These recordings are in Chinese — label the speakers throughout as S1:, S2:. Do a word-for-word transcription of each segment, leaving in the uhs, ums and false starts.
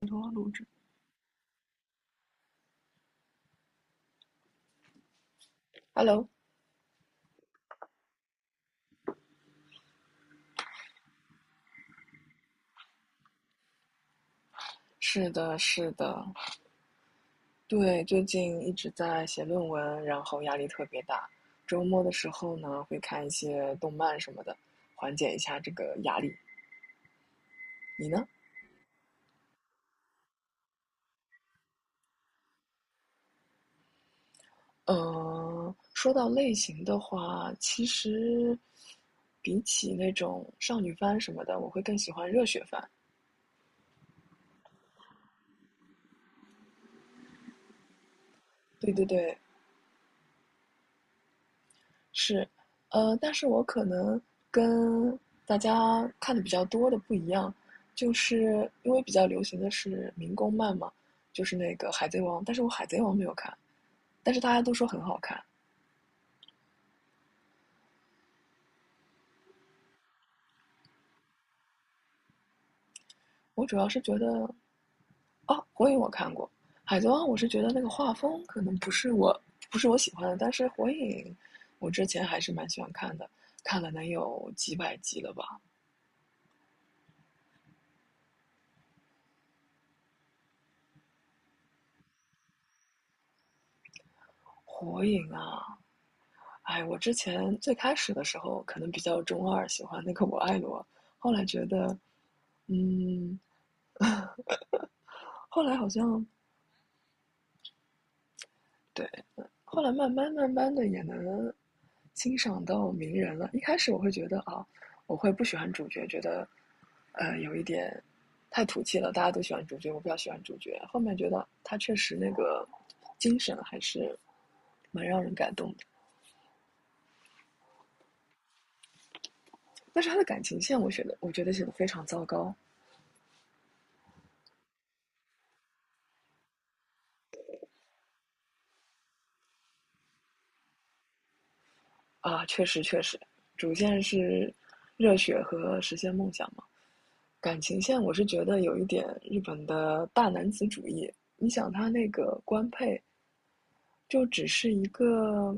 S1: 很多录制。Hello,是的，是的，对，最近一直在写论文，然后压力特别大。周末的时候呢，会看一些动漫什么的，缓解一下这个压力。你呢？嗯，说到类型的话，其实比起那种少女番什么的，我会更喜欢热血番。对对对，是，呃，但是我可能跟大家看的比较多的不一样，就是因为比较流行的是民工漫嘛，就是那个《海贼王》，但是我《海贼王》没有看，但是大家都说很好看。我主要是觉得，啊，火影我看过，《海贼王》我是觉得那个画风可能不是我不是我喜欢的，但是火影我之前还是蛮喜欢看的，看了能有几百集了吧。火影啊，哎，我之前最开始的时候可能比较中二，喜欢那个我爱罗，后来觉得，嗯，后来好像对，后来慢慢慢慢的也能欣赏到名人了。一开始我会觉得啊，我会不喜欢主角，觉得呃有一点太土气了，大家都喜欢主角，我比较喜欢主角。后面觉得他确实那个精神还是蛮让人感动的，但是他的感情线，我觉得我觉得写的非常糟糕。啊，确实确实，主线是热血和实现梦想嘛。感情线我是觉得有一点日本的大男子主义。你想他那个官配就只是一个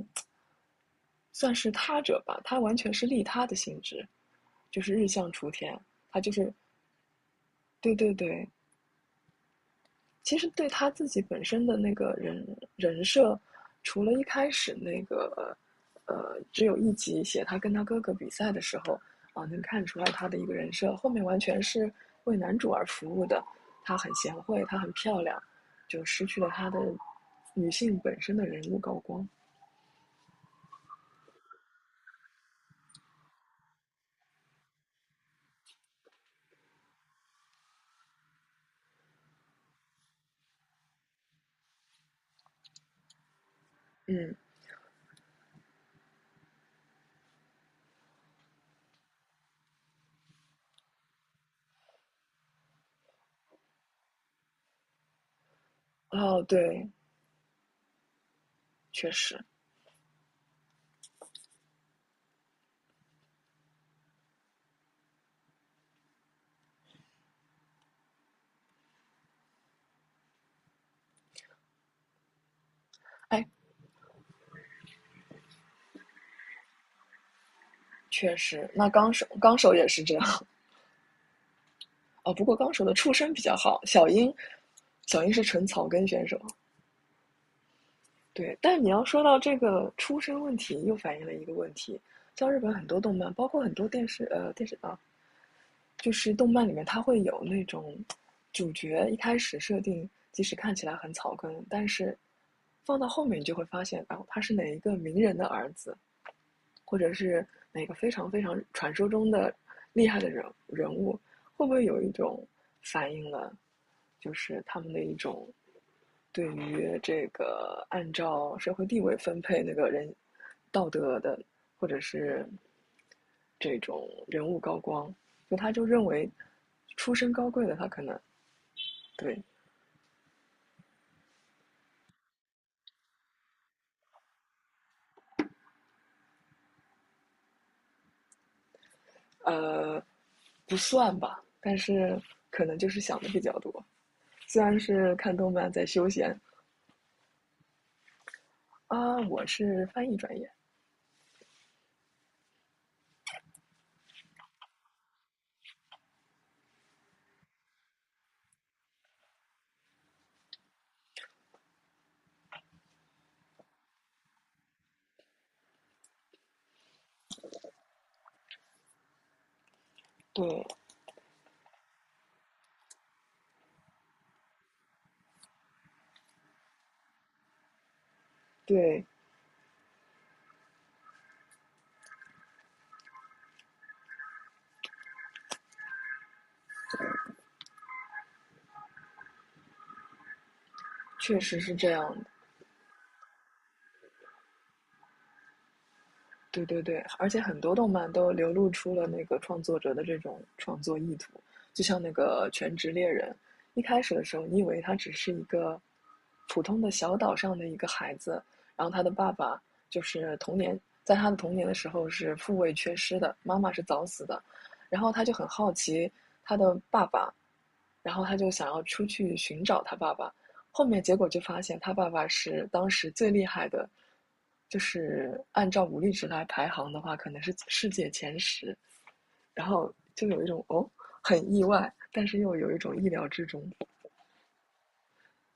S1: 算是他者吧，他完全是利他的性质，就是日向雏田，他就是对对对，其实对他自己本身的那个人人设，除了一开始那个呃，只有一集写他跟他哥哥比赛的时候啊、呃能看出来他的一个人设，后面完全是为男主而服务的。她很贤惠，她很漂亮，就失去了她的女性本身的人物高光。嗯，哦，对，确实，哎，确实，那纲手纲手也是这样哦。不过纲手的出身比较好，小樱，小樱是纯草根选手，对，但你要说到这个出身问题，又反映了一个问题，像日本很多动漫，包括很多电视，呃，电视啊，就是动漫里面它会有那种主角一开始设定，即使看起来很草根，但是放到后面你就会发现，哦，他是哪一个名人的儿子，或者是哪个非常非常传说中的厉害的人人物，会不会有一种反映了，就是他们的一种对于这个按照社会地位分配那个人道德的，或者是这种人物高光，就他就认为出身高贵的他可能对呃不算吧，但是可能就是想的比较多。虽然是看动漫在休闲，啊，我是翻译专业，对对，确实是这样的。对对对，而且很多动漫都流露出了那个创作者的这种创作意图，就像那个《全职猎人》，一开始的时候，你以为他只是一个普通的小岛上的一个孩子，然后他的爸爸就是童年，在他的童年的时候是父位缺失的，妈妈是早死的，然后他就很好奇他的爸爸，然后他就想要出去寻找他爸爸，后面结果就发现他爸爸是当时最厉害的，就是按照武力值来排行的话，可能是世界前十。然后就有一种哦，很意外，但是又有一种意料之中。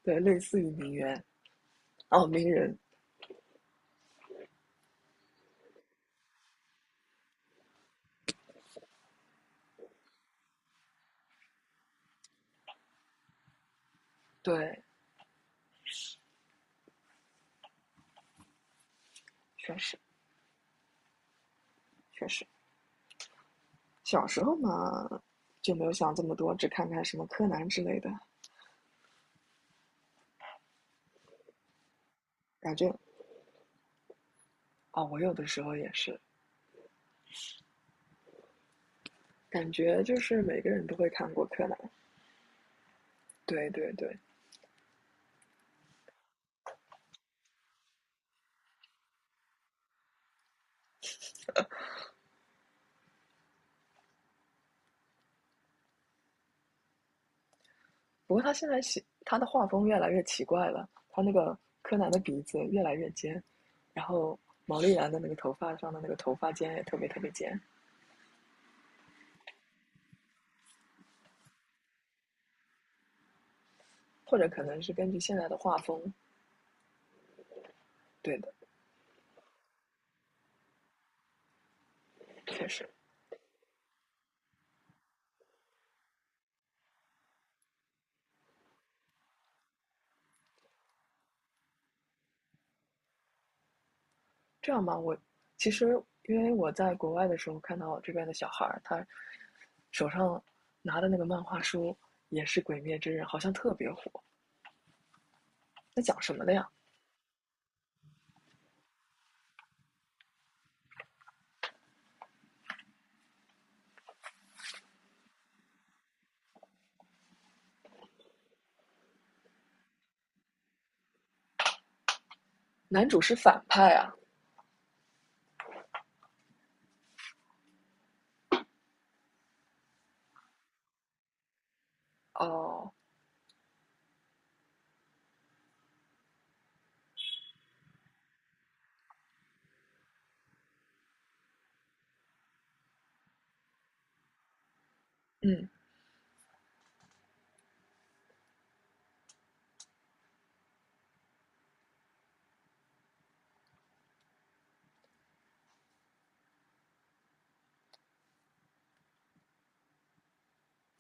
S1: 对，类似于名媛哦，名人。对，确实确实，小时候嘛就没有想这么多，只看看什么柯南之类的。感觉哦，我有的时候也是，感觉就是每个人都会看过柯南。对对对，不过他现在写他的画风越来越奇怪了，他那个柯南的鼻子越来越尖，然后毛利兰的那个头发上的那个头发尖也特别特别尖，或者可能是根据现在的画风，对的，确实这样吧。我其实因为我在国外的时候看到这边的小孩他手上拿的那个漫画书也是《鬼灭之刃》，好像特别火。那讲什么的呀？男主是反派啊？哦，嗯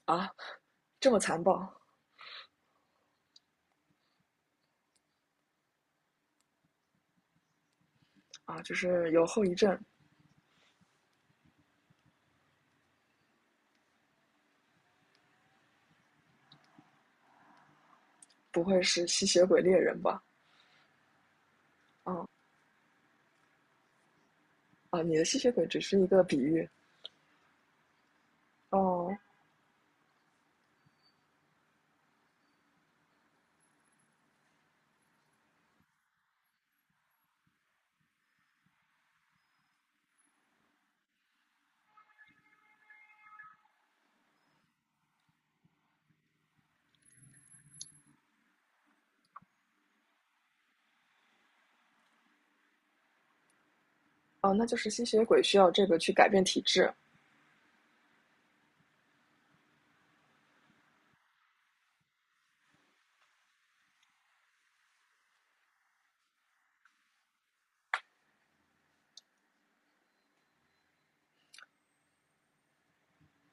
S1: 啊，这么残暴啊，就是有后遗症。不会是吸血鬼猎人吧？哦哦，你的吸血鬼只是一个比喻。哦哦，那就是吸血鬼需要这个去改变体质。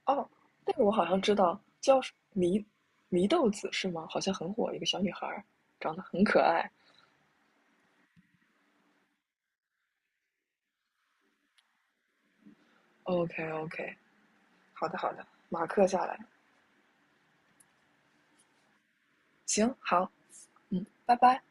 S1: 哦，那个我好像知道，叫什迷祢豆子是吗？好像很火，一个小女孩儿，长得很可爱。OK OK,好的好的，马克下来。行，好，嗯，拜拜。